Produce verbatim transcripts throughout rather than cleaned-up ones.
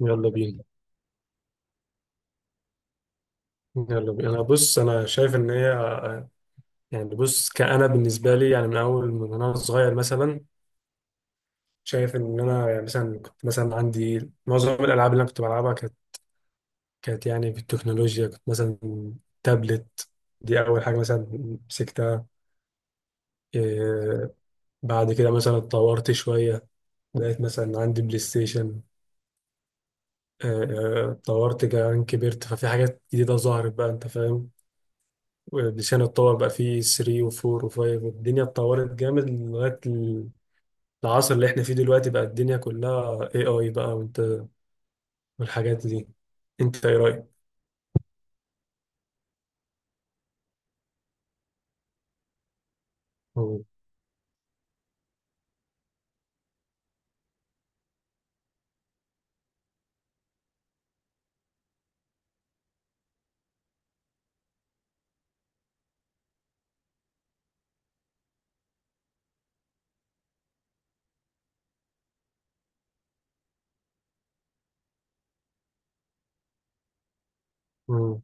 يلا بينا. يلا بينا انا بص انا شايف ان هي. يعني بص كأنا بالنسبه لي، يعني من اول من انا صغير مثلا. شايف ان انا يعني مثلا كنت مثلا عندي معظم الالعاب اللي انا كنت بلعبها كانت كانت يعني في التكنولوجيا. كنت مثلا تابلت، دي اول حاجه مثلا مسكتها. إيه، بعد كده مثلا اتطورت شويه، بقيت مثلا عندي بلاي ستيشن. آه، آه، اتطورت كمان، كبرت ففي حاجات جديده ظهرت بقى، انت فاهم؟ ديشان اتطور بقى، فيه تلاتة و4 و5 والدنيا اتطورت جامد لغاية العصر اللي احنا فيه دلوقتي. بقى الدنيا كلها اي اي بقى، وانت والحاجات دي، انت ايه رأيك؟ مم. مم.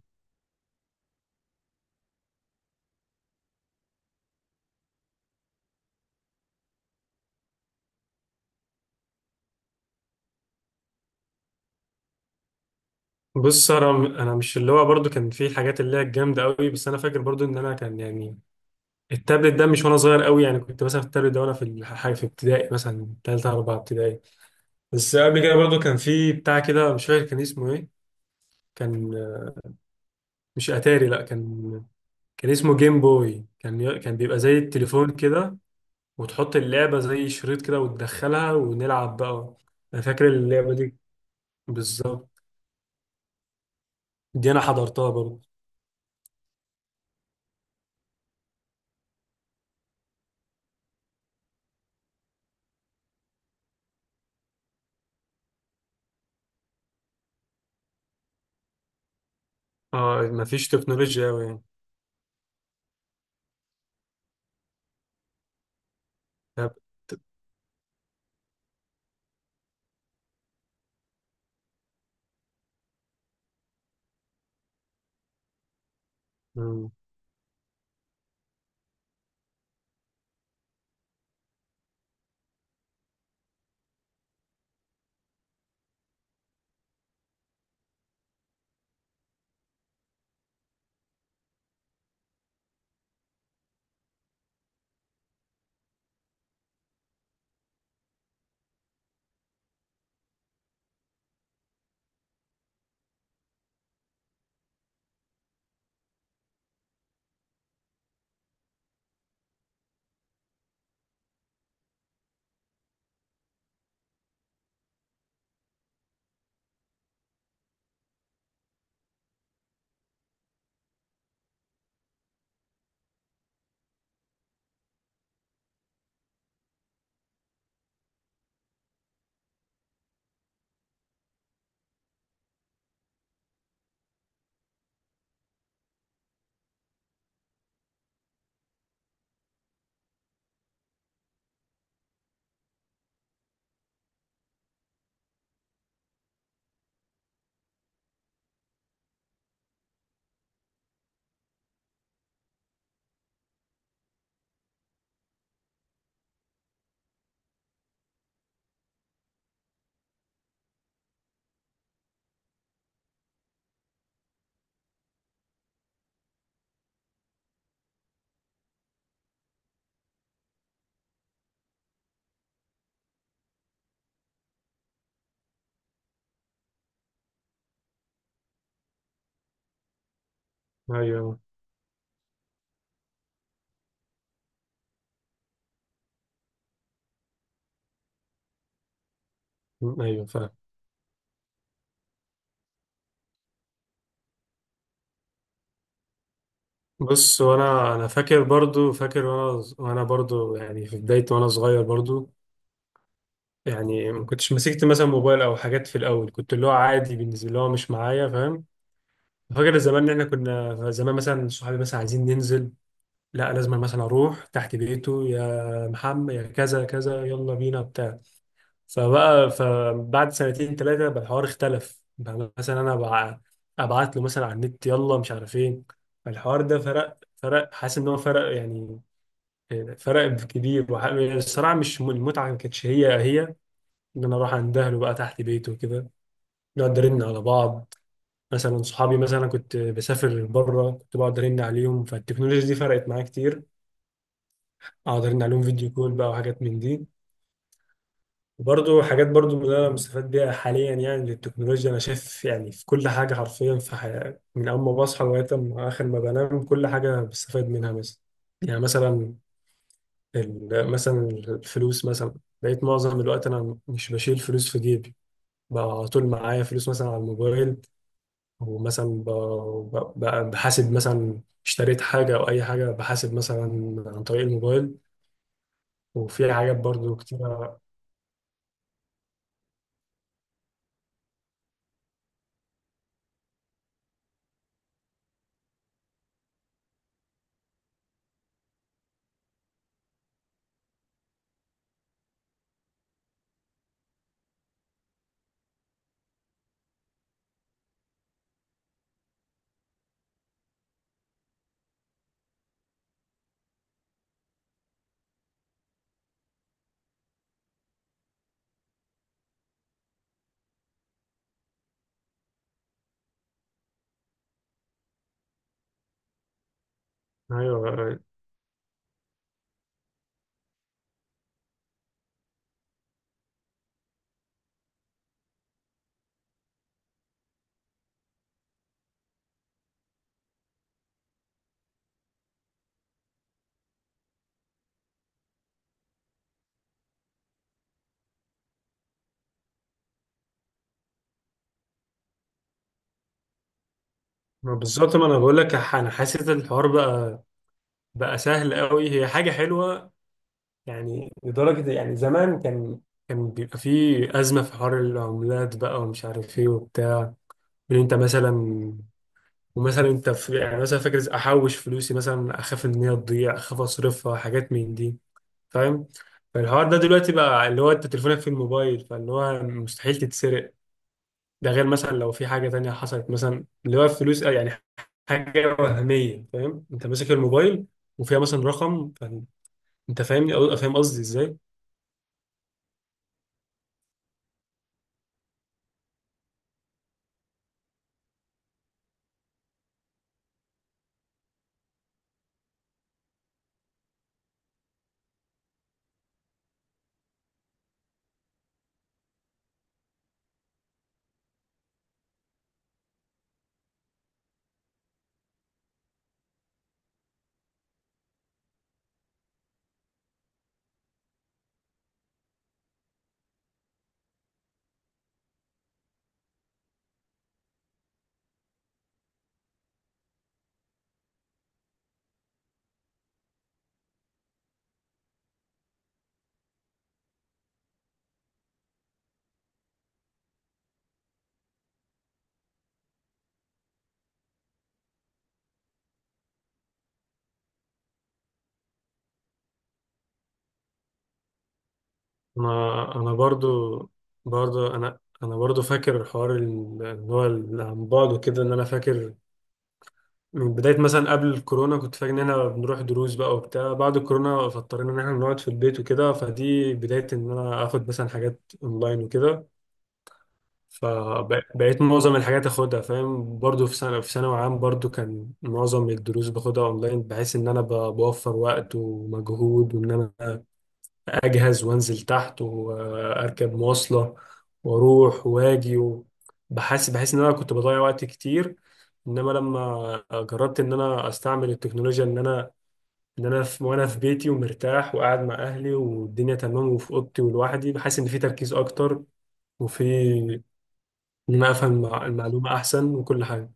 بص انا، انا مش اللي هو، برضو كان في حاجات اللي هي الجامدة قوي، بس انا فاكر برضو ان انا كان يعني التابلت ده مش وانا صغير قوي، يعني كنت مثلا في التابلت ده وانا في الحاجة في ابتدائي، مثلا تالتة رابعة ابتدائي. بس قبل كده برضو كان في بتاع كده مش فاكر كان اسمه ايه. كان، مش اتاري، لا، كان كان اسمه جيم بوي، كان ي- كان بيبقى زي التليفون كده، وتحط اللعبة زي شريط كده وتدخلها ونلعب بقى. أنا فاكر اللعبة دي، بالظبط، دي أنا حضرتها برضه. اه، مفيش تكنولوجيا أوي يعني. طب- ت- مم. أيوه. مم، أيوه فاهم. بص، وأنا أنا فاكر برضه، فاكر وأنا ز- وأنا برضه يعني في بداية وأنا صغير برضه، يعني ما كنتش مسكت مثلا موبايل أو حاجات، في الأول كنت اللي هو عادي بالنسبة لي، اللي هو مش معايا، فاهم؟ فاكر زمان إن إحنا كنا زمان مثلا صحابي مثلا عايزين ننزل، لا لازم مثلا اروح تحت بيته يا محمد يا كذا كذا يلا بينا بتاع. فبقى فبعد سنتين ثلاثه بقى الحوار اختلف، بقى مثلا انا بقى ابعت له مثلا على النت يلا مش عارف ايه. الحوار ده فرق، فرق حاسس ان هو فرق يعني، فرق كبير. وح- الصراحه مش م- المتعه ما كانتش هي هي، ان انا اروح عند اهله بقى تحت بيته وكده، نقعد نرن على بعض. مثلا صحابي مثلا كنت بسافر بره كنت بقعد ارن عليهم، فالتكنولوجيا دي فرقت معايا كتير. اقدر ان عليهم فيديو كول بقى وحاجات من دي. وبرضه حاجات برضه اللي انا مستفاد بيها حاليا يعني للتكنولوجيا، انا شايف يعني في كل حاجه حرفيا في حياتي، من اول ما بصحى لغايه ما اخر ما بنام كل حاجه بستفاد منها مثلا. يعني مثلا ال- مثلا الفلوس مثلا، بقيت معظم الوقت انا مش بشيل فلوس في جيبي، بقى على طول معايا فلوس مثلا على الموبايل، ومثلا ب- ب- ب- بحاسب مثلا، اشتريت حاجه او اي حاجه بحاسب مثلا عن طريق الموبايل. وفي حاجات برضو كتيرة. أيوة، ما بالظبط، ما انا بقول لك. ح- انا حاسس ان الحوار بقى بقى سهل قوي، هي حاجه حلوه. يعني لدرجه يعني زمان كان كان بيبقى فيه ازمه في حوار العملات بقى، ومش عارف ايه وبتاع. ان انت مثلا، ومثلا انت في يعني مثلا فاكر احوش فلوسي مثلا، اخاف ان هي تضيع، اخاف اصرفها، حاجات من دي، فاهم؟ فالحوار ده دلوقتي بقى اللي هو انت تليفونك في الموبايل، فاللي هو مستحيل تتسرق. ده غير مثلا لو في حاجة تانية حصلت، مثلا اللي هو فلوس يعني، حاجة وهمية، فاهم؟ انت ماسك الموبايل وفيها مثلا رقم. فن- انت فاهمني؟ أو- فاهم قصدي ازاي؟ انا انا برضو برضو انا انا برضو فاكر حوار ال- اللي هو ال- عن بعد وكده، ان انا فاكر من بداية مثلا قبل الكورونا كنت فاكر ان احنا بنروح دروس بقى وبتاع، بعد الكورونا فاضطرينا ان احنا نقعد في البيت وكده، فدي بداية ان انا اخد مثلا حاجات اونلاين وكده. فبقيت معظم الحاجات اخدها، فاهم، برضو في سنة في ثانوي عام برضو كان معظم الدروس باخدها اونلاين، بحيث ان انا ب- بوفر وقت ومجهود، وان انا اجهز وانزل تحت واركب مواصلة واروح واجي. و- بحس بحس ان انا كنت بضيع وقت كتير. انما لما جربت ان انا استعمل التكنولوجيا، ان انا ان انا في، وانا في بيتي ومرتاح وقاعد مع اهلي والدنيا تمام وفي اوضتي ولوحدي، بحس ان في تركيز اكتر، وفي ان انا افهم المع- المعلومه احسن وكل حاجه.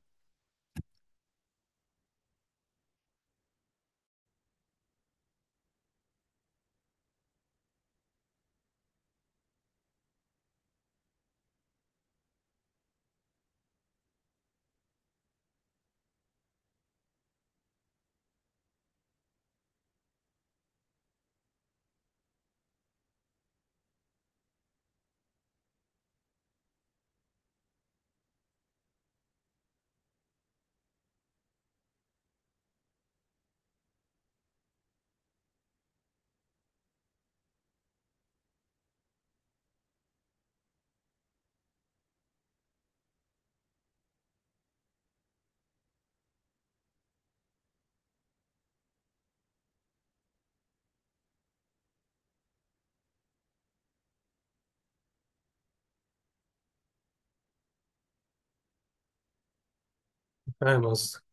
فاهم قصدك.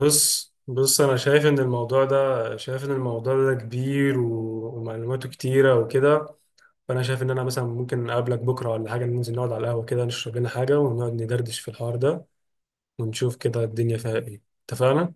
بص بص انا شايف ان الموضوع ده، شايف ان الموضوع ده كبير و- ومعلوماته كتيره وكده. فانا شايف ان انا مثلا ممكن اقابلك بكره ولا حاجه، ننزل نقعد على القهوه كده، نشرب لنا حاجه ونقعد ندردش في الحوار ده، ونشوف كده الدنيا فيها ايه، اتفقنا؟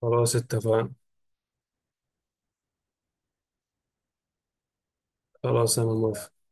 خلاص اتفقنا. خلاص انا موافق.